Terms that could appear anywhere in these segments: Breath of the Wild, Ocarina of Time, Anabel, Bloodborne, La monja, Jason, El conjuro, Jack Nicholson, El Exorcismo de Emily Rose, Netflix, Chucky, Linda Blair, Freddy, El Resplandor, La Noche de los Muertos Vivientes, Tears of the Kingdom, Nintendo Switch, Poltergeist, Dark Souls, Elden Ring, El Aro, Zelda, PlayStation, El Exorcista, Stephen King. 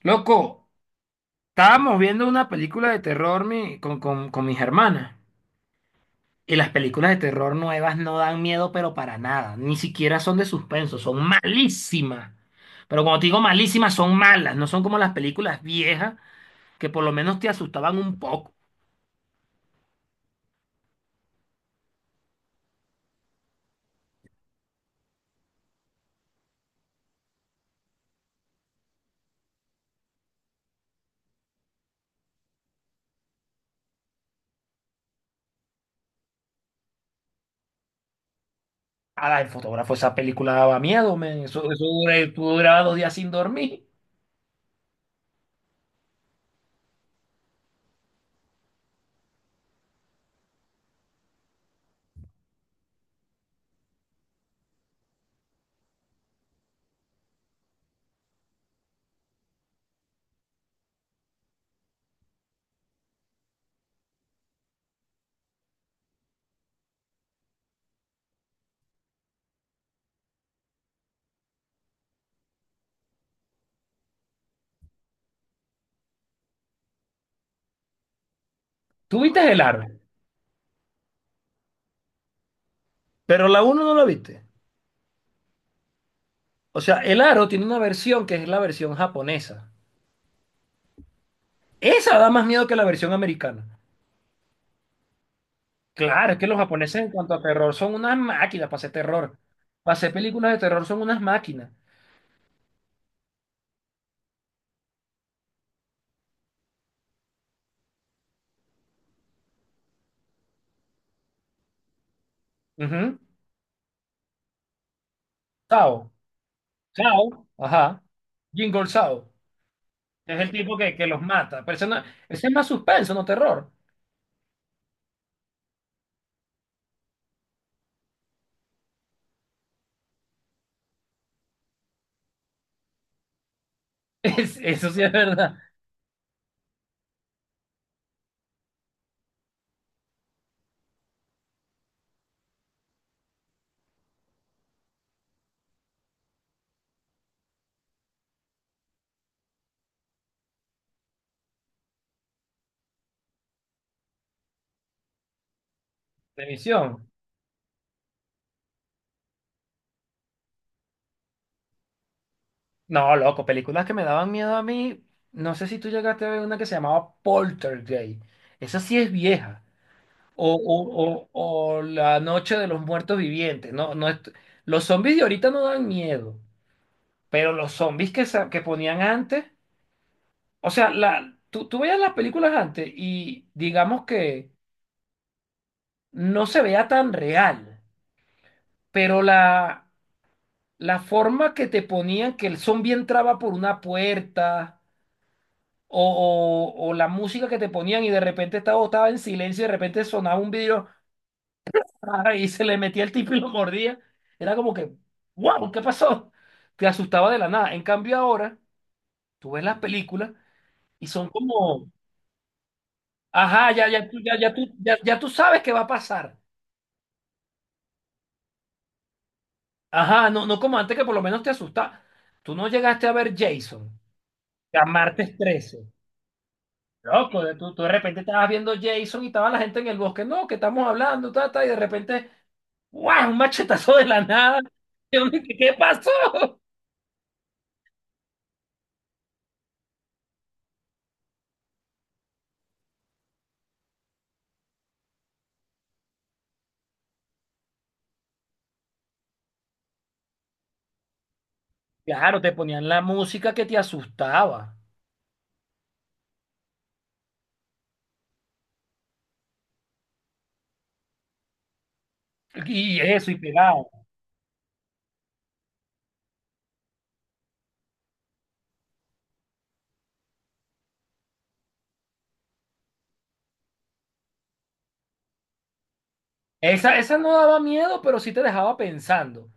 Loco, estábamos viendo una película de terror con mis hermanas. Y las películas de terror nuevas no dan miedo, pero para nada. Ni siquiera son de suspenso, son malísimas. Pero cuando te digo malísimas, son malas. No son como las películas viejas que por lo menos te asustaban un poco. Ah, el fotógrafo, esa película daba miedo, men. Tú durabas 2 días sin dormir. Tú viste El Aro, pero la uno no la viste. O sea, El Aro tiene una versión que es la versión japonesa. Esa da más miedo que la versión americana. Claro, es que los japoneses en cuanto a terror son unas máquinas para hacer terror. Para hacer películas de terror son unas máquinas. Ujú. Sao. Sao. Ajá. Jingle Sao. Es el tipo que los mata. Pero eso no- Ese es más suspenso, no terror. Es- eso sí es verdad. Televisión. No, loco, películas que me daban miedo a mí. No sé si tú llegaste a ver una que se llamaba Poltergeist. Esa sí es vieja. O La Noche de los Muertos Vivientes. No, no, los zombies de ahorita no dan miedo. Pero los zombies que ponían antes, o sea, tú veías las películas antes y digamos que no se veía tan real, pero la forma que te ponían que el zombie entraba por una puerta o la música que te ponían y de repente estaba en silencio y de repente sonaba un video y se le metía el tipo y lo mordía, era como que, wow, ¿qué pasó? Te asustaba de la nada. En cambio ahora, tú ves las películas y son como... Ajá, ya, ya, tú- ya, ya, tú, ya, ya tú sabes qué va a pasar. Ajá, no, no como antes que por lo menos te asustaba. Tú no llegaste a ver Jason, a martes trece. Loco, de- tú de repente estabas viendo Jason y estaba la gente en el bosque. No, que estamos hablando, ta, ta, y de repente, ¡guau! Un machetazo de la nada. Y uno, ¿Qué pasó? Claro, te ponían la música que te asustaba. Y eso, y pegado. Esa no daba miedo, pero sí te dejaba pensando.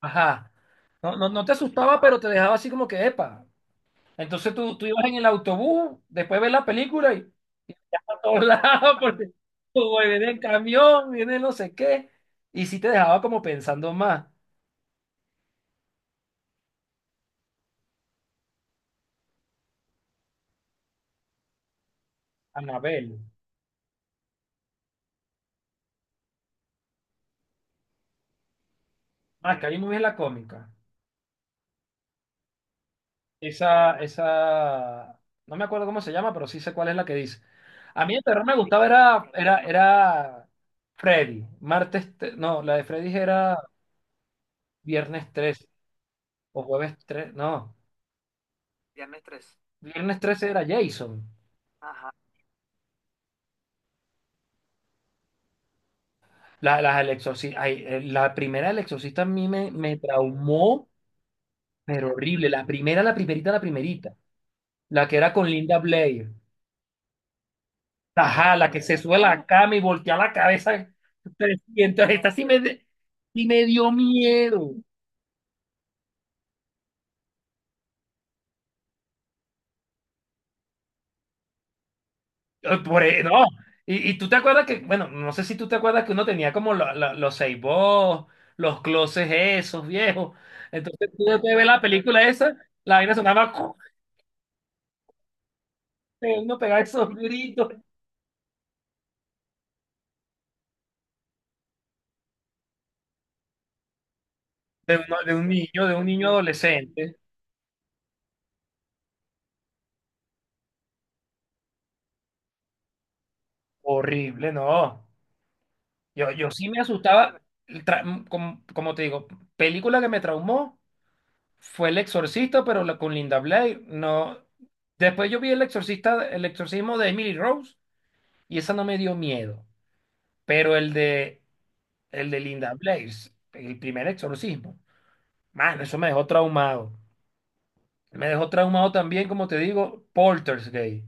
Ajá. No, no, no te asustaba, pero te dejaba así como que, epa. Entonces tú ibas en el autobús, después ves la película y ya a todos lados, porque como viene el camión, viene no sé qué. Y sí te dejaba como pensando más. Anabel. Ah, que ahí me vi la cómica. Esa, esa, no me acuerdo cómo se llama, pero sí sé cuál es la que dice. A mí el terror me gustaba, era Freddy. No, la de Freddy era viernes 13 o jueves 13, no, viernes 13 era Jason. La, las del Exorcista, ay, la primera del Exorcista a mí me traumó, pero horrible. La primera, la primerita, la primerita. La que era con Linda Blair. Ajá, la que se sube a la cama y voltea la cabeza. 300. Esta sí me dio miedo. No. Y tú te acuerdas que, bueno, no sé si tú te acuerdas que uno tenía como la- la- los Seibos, los closes esos viejos. Entonces tú después de ver la película esa, la vaina sonaba, uno pegaba esos gritos. De, uno- de un niño adolescente, horrible, no. Yo sí me asustaba, el tra- como, como te digo, película que me traumó fue El Exorcista, pero la, con Linda Blair, no. Después yo vi El Exorcista, El Exorcismo de Emily Rose y esa no me dio miedo, pero el de Linda Blair, el primer exorcismo, mano, eso me dejó traumado. Me dejó traumado también, como te digo, Poltergeist.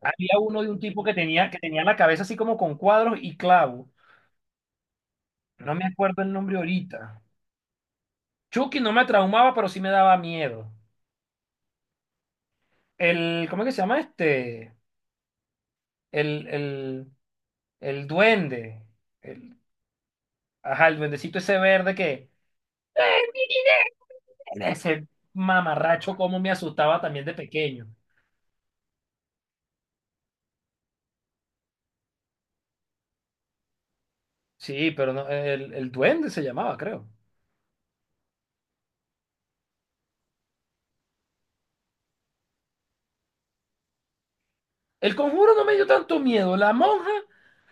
Había uno de un tipo que tenía la cabeza así como con cuadros y clavos. No me acuerdo el nombre ahorita. Chucky no me traumaba, pero sí me daba miedo. ¿Cómo es que se llama este? El, el, el duende. El, ajá, el duendecito ese verde que ese mamarracho como me asustaba también de pequeño. Sí, pero no, el duende se llamaba, creo. El conjuro no me dio tanto miedo. La monja,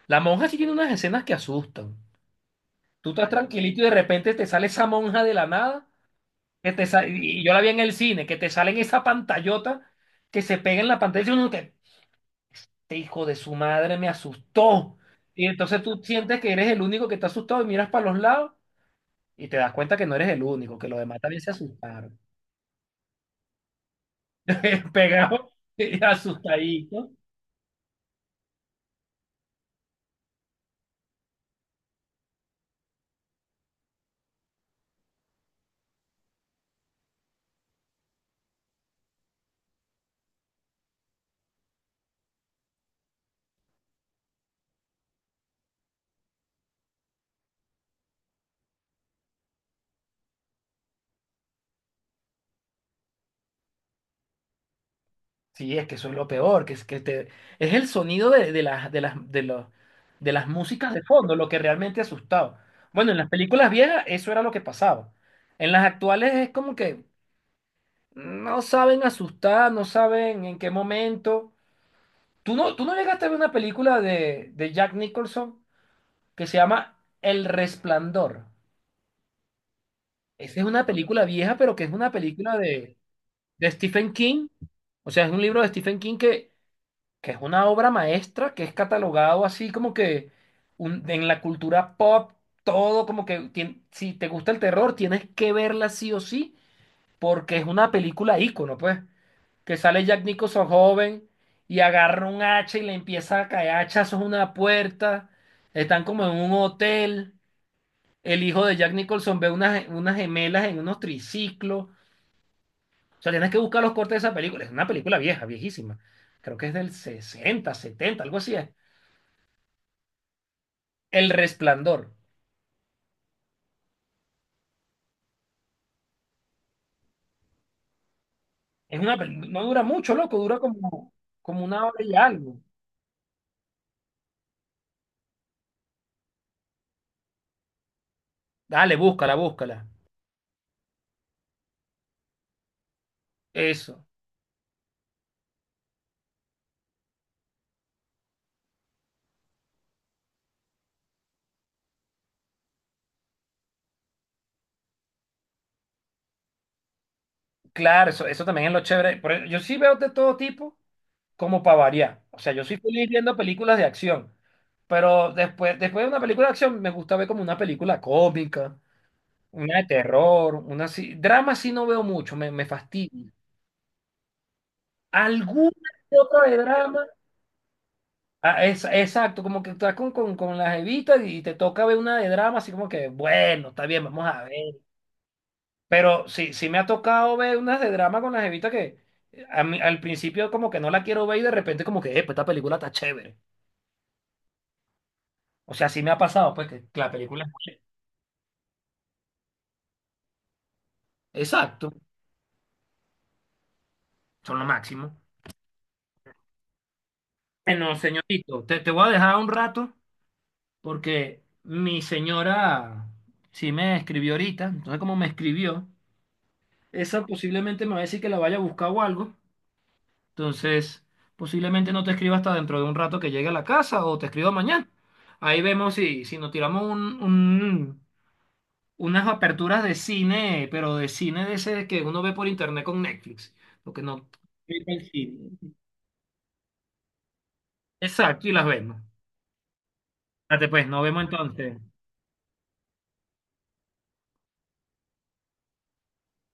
la monja sí tiene unas escenas que asustan. Tú estás tranquilito y de repente te sale esa monja de la nada que te sa- y yo la vi en el cine, que te salen esa pantallota que se pega en la pantalla y uno que, "Este hijo de su madre me asustó." Y entonces tú sientes que eres el único que está asustado y miras para los lados y te das cuenta que no eres el único, que los demás también se asustaron. Pegado, y asustadito. Sí, es que eso es lo peor, que es que te, es el sonido de las, de las, de los, de las músicas de fondo lo que realmente asustaba. Bueno, en las películas viejas eso era lo que pasaba. En las actuales es como que no saben asustar, no saben en qué momento. ¿Tú no llegaste a ver una película de Jack Nicholson que se llama El Resplandor? Esa es una película vieja, pero que es una película de Stephen King. O sea, es un libro de Stephen King que es una obra maestra, que es catalogado así como que un- en la cultura pop, todo como que tien- si te gusta el terror, tienes que verla sí o sí, porque es una película ícono, pues. Que sale Jack Nicholson joven y agarra un hacha y le empieza a caer hachazos a una puerta. Están como en un hotel. El hijo de Jack Nicholson ve unas, unas gemelas en unos triciclos. O sea, tienes que buscar los cortes de esa película. Es una película vieja, viejísima. Creo que es del 60 70 algo así es. El Resplandor. Es una pel- no dura mucho, loco, dura como, como una hora y algo. Dale, búscala, búscala. Eso. Claro, eso también es lo chévere. Por eso- yo sí veo de todo tipo, como para variar. O sea, yo soy feliz viendo películas de acción, pero después, después de una película de acción me gusta ver como una película cómica, una de terror, una así. Drama sí no veo mucho, me fastidia. ¿Alguna que otra de drama? Ah, exacto, como que estás con las evitas y te toca ver una de drama, así como que, bueno, está bien, vamos a ver. Pero sí, sí me ha tocado ver unas de drama con las evitas que a mí- al principio como que no la quiero ver y de repente como que, "Epa, esta película está chévere." O sea, sí me ha pasado, pues, que la película. Exacto, son lo máximo. Bueno, señorito, te voy a dejar un rato porque mi señora sí me escribió ahorita. Entonces, como me escribió, esa posiblemente me va a decir que la vaya a buscar o algo. Entonces, posiblemente no te escriba hasta dentro de un rato que llegue a la casa o te escriba mañana. Ahí vemos si, si nos tiramos unas aperturas de cine, pero de cine de ese que uno ve por internet con Netflix. Lo que no. Sí, el cine. Exacto, y las vemos. Date pues, nos vemos entonces.